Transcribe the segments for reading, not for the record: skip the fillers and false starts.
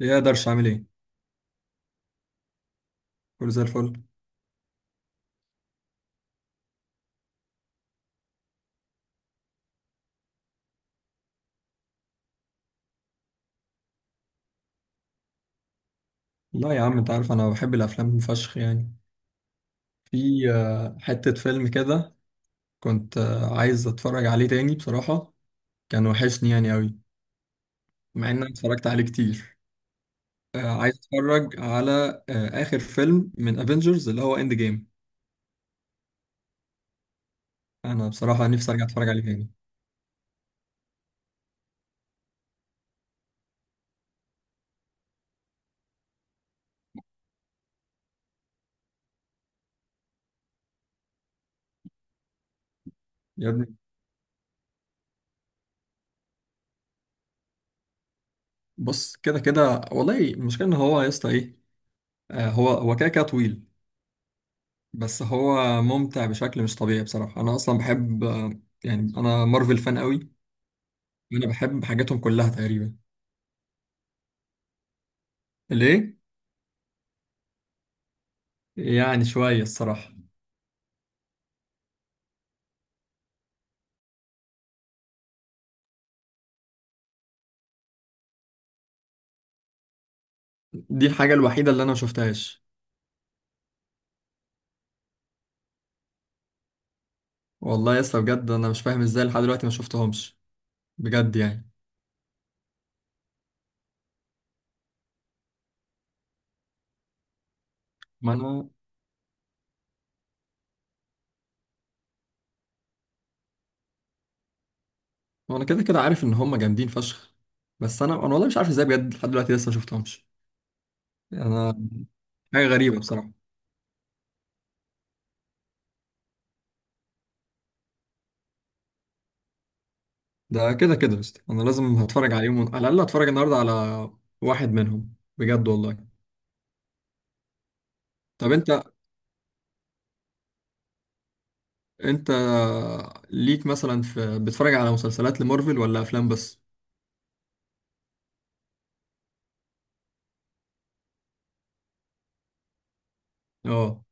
ايه اقدرش اعمل ايه؟ كله زي الفل. لا يا عم، انت عارف انا بحب الافلام فشخ يعني. في حتة فيلم كده كنت عايز اتفرج عليه تاني بصراحة، كان وحشني يعني قوي، مع ان انا اتفرجت عليه كتير. عايز اتفرج على اخر فيلم من افنجرز اللي هو اند جيم. انا بصراحة نفسي ارجع اتفرج عليه تاني. يا ابني، بص كده كده والله المشكلة ان هو يا اسطى ايه. هو كده كده طويل، بس هو ممتع بشكل مش طبيعي بصراحة. انا اصلا بحب يعني انا مارفل فان قوي، انا بحب حاجاتهم كلها تقريبا. ليه؟ يعني شويه الصراحه. دي الحاجه الوحيده اللي انا ما شفتهاش. والله يا اسطى بجد انا مش فاهم ازاي لحد دلوقتي ما شفتهمش، بجد يعني. ما انا ما انا كده كده عارف ان هم جامدين فشخ، بس انا والله مش عارف ازاي بجد لحد دلوقتي لسه ما شفتهمش. انا حاجه غريبه بصراحه. ده كده كده يا اسطى، انا لازم هتفرج عليهم، على الاقل هتفرج النهارده على واحد منهم بجد والله. طب انت ليك مثلا، في بتتفرج على مسلسلات لمارفل ولا افلام بس؟ اه.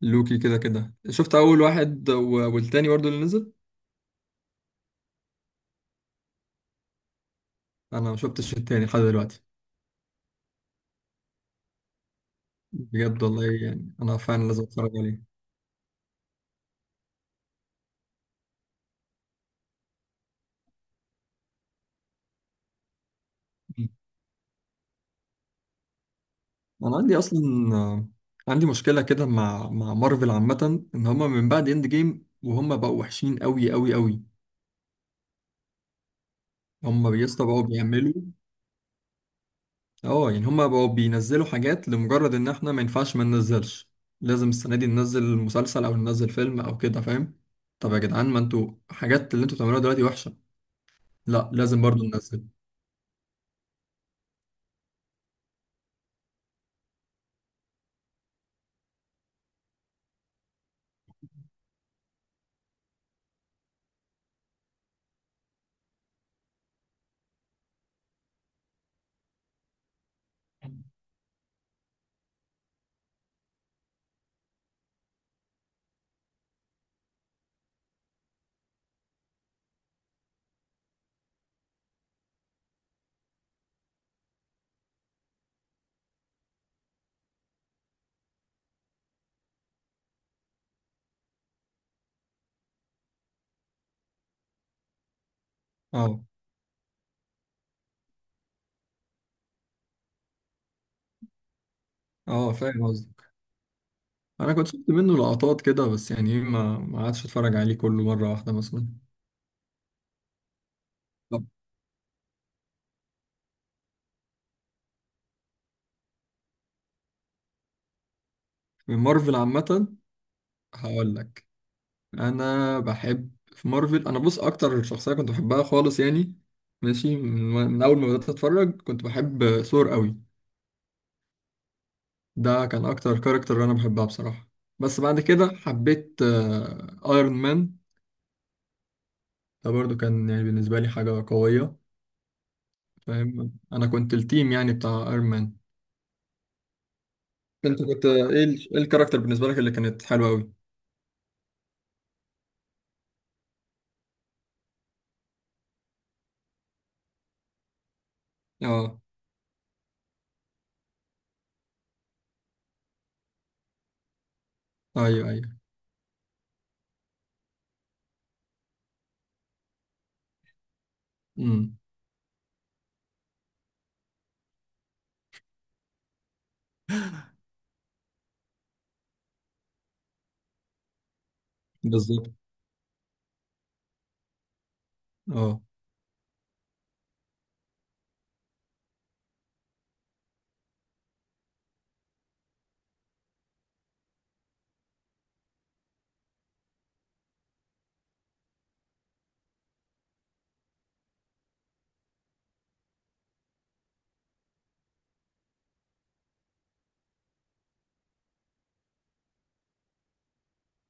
لوكي كده كده شفت اول واحد والتاني برضه اللي نزل. انا ما شفتش التاني لحد دلوقتي بجد والله، يعني انا فعلا لازم اتفرج عليه. مم. انا عندي اصلا آه، عندي مشكله كده مع مارفل عامه، ان هم من بعد اند جيم وهم بقوا وحشين قوي قوي قوي. هم بيسطا بقوا بيعملوا. اه، يعني هم بقوا بينزلوا حاجات لمجرد ان احنا ما ينفعش ما ننزلش، لازم السنه دي ننزل مسلسل او ننزل فيلم او كده، فاهم؟ طب يا جدعان، ما انتوا حاجات اللي انتوا بتعملوها دلوقتي وحشه، لا لازم برضو ننزل. اه اه، فاهم قصدك. انا كنت شفت منه لقطات كده، بس يعني إيه، ما عادش اتفرج عليه كله مره واحده مثلا. طب من مارفل عامه، هقول لك. انا بحب في مارفل، انا بص اكتر شخصيه كنت بحبها خالص يعني، ماشي. من اول ما بدات اتفرج كنت بحب ثور قوي، ده كان اكتر كاركتر انا بحبها بصراحه. بس بعد كده حبيت ايرون مان، ده برضو كان يعني بالنسبه لي حاجه قويه، فاهم؟ انا كنت التيم يعني بتاع ايرون مان. انت كنت ايه ايه الكاركتر بالنسبه لك اللي كانت حلوه قوي؟ اه، ايوه ايوه، امم بالظبط. اه،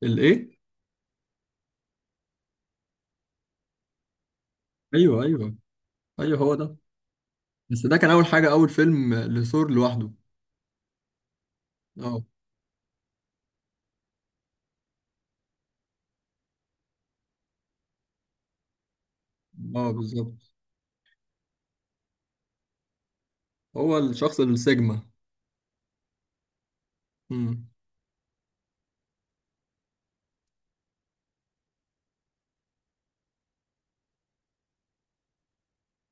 الايه. ايوه ايوه ايوه، هو ده. بس ده كان اول حاجه، اول فيلم لثور لوحده. اه اه، بالظبط. هو الشخص السيجما. امم.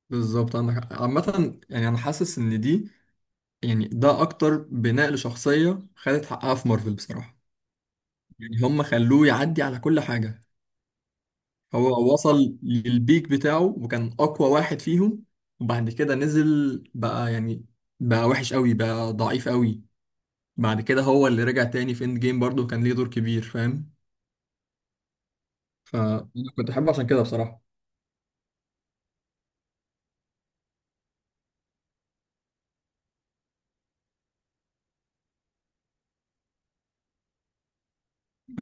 بالظبط عندك حق. عامه يعني انا حاسس ان دي، يعني ده اكتر بناء لشخصيه خدت حقها في مارفل بصراحه. يعني هم خلوه يعدي على كل حاجه. هو وصل للبيك بتاعه وكان أقوى واحد فيهم، وبعد كده نزل بقى يعني، بقى وحش قوي، بقى ضعيف قوي. بعد كده هو اللي رجع تاني في اند جيم، برضه كان ليه دور كبير، فاهم؟ فأنا كنت أحبه عشان كده بصراحة.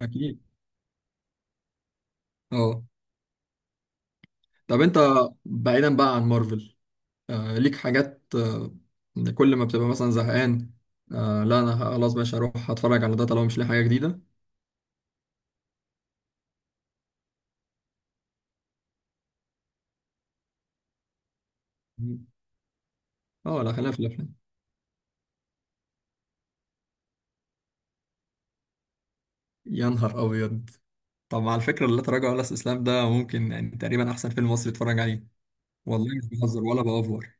أكيد. أه. طب أنت، بعيدا بقى عن مارفل، ليك حاجات كل ما بتبقى مثلا زهقان، لا أنا خلاص بقى هروح أتفرج على ده طالما مش لاقي حاجة جديدة؟ أه لا، خلينا في الأفلام. يا نهار أبيض. طب على فكرة، لا تراجع ولا استسلام ده ممكن يعني تقريبا أحسن فيلم مصري اتفرج عليه. والله مش بهزر ولا بأوفر.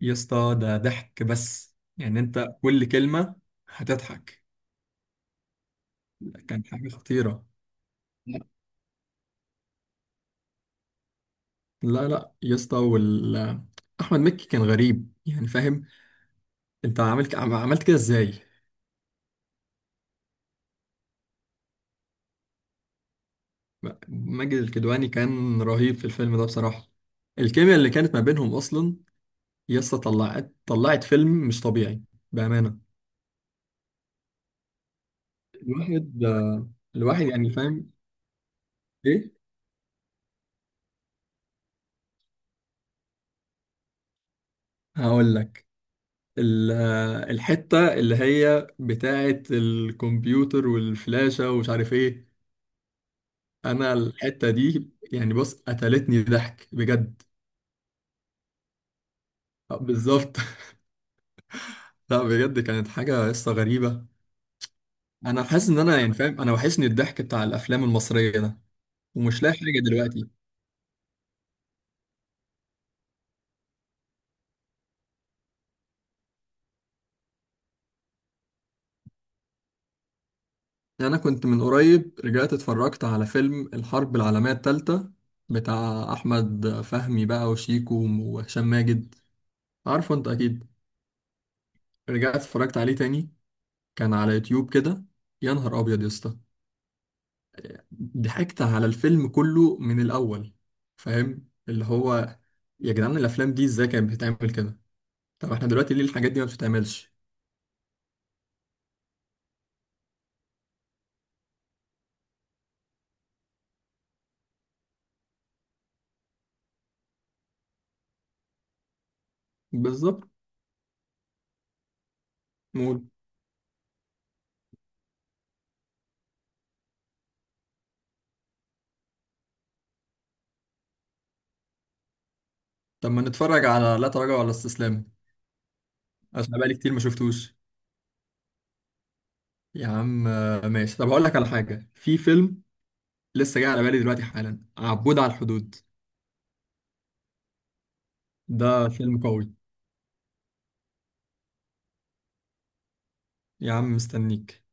يا اسطى ده ضحك، بس يعني أنت كل كلمة هتضحك، كان حاجة خطيرة. لا لا لا يا اسطى، أحمد مكي كان غريب يعني، فاهم؟ أنت عملت كده إزاي؟ ماجد الكدواني كان رهيب في الفيلم ده بصراحة، الكيمياء اللي كانت ما بينهم أصلا. يا اسطى طلعت فيلم مش طبيعي، بأمانة. الواحد الواحد يعني فاهم إيه؟ هقول لك. ال- الحتة اللي هي بتاعة الكمبيوتر والفلاشة ومش عارف ايه، انا الحتة دي يعني بص قتلتني ضحك بجد. بالظبط. لا بجد، كانت حاجة قصة غريبة. انا حاسس ان انا يعني فاهم، انا وحشني الضحك بتاع الافلام المصرية ده، ومش لاقي حاجة دلوقتي. انا كنت من قريب رجعت اتفرجت على فيلم الحرب العالمية التالتة بتاع احمد فهمي بقى وشيكو وهشام ماجد، عارفه انت اكيد. رجعت اتفرجت عليه تاني، كان على يوتيوب كده. يا نهار ابيض يا اسطى، ضحكت على الفيلم كله من الاول. فاهم اللي هو، يا جدعان الافلام دي ازاي كانت بتتعمل كده؟ طب احنا دلوقتي ليه الحاجات دي ما بتتعملش؟ بالظبط. نقول. طب ما نتفرج على لا تراجع ولا استسلام، عشان بقالي كتير ما شفتوش. يا عم ماشي. طب هقول لك على حاجه، في فيلم لسه جاي على بالي دلوقتي حالا، عبود على الحدود. ده فيلم قوي. يا عم، مستنيك.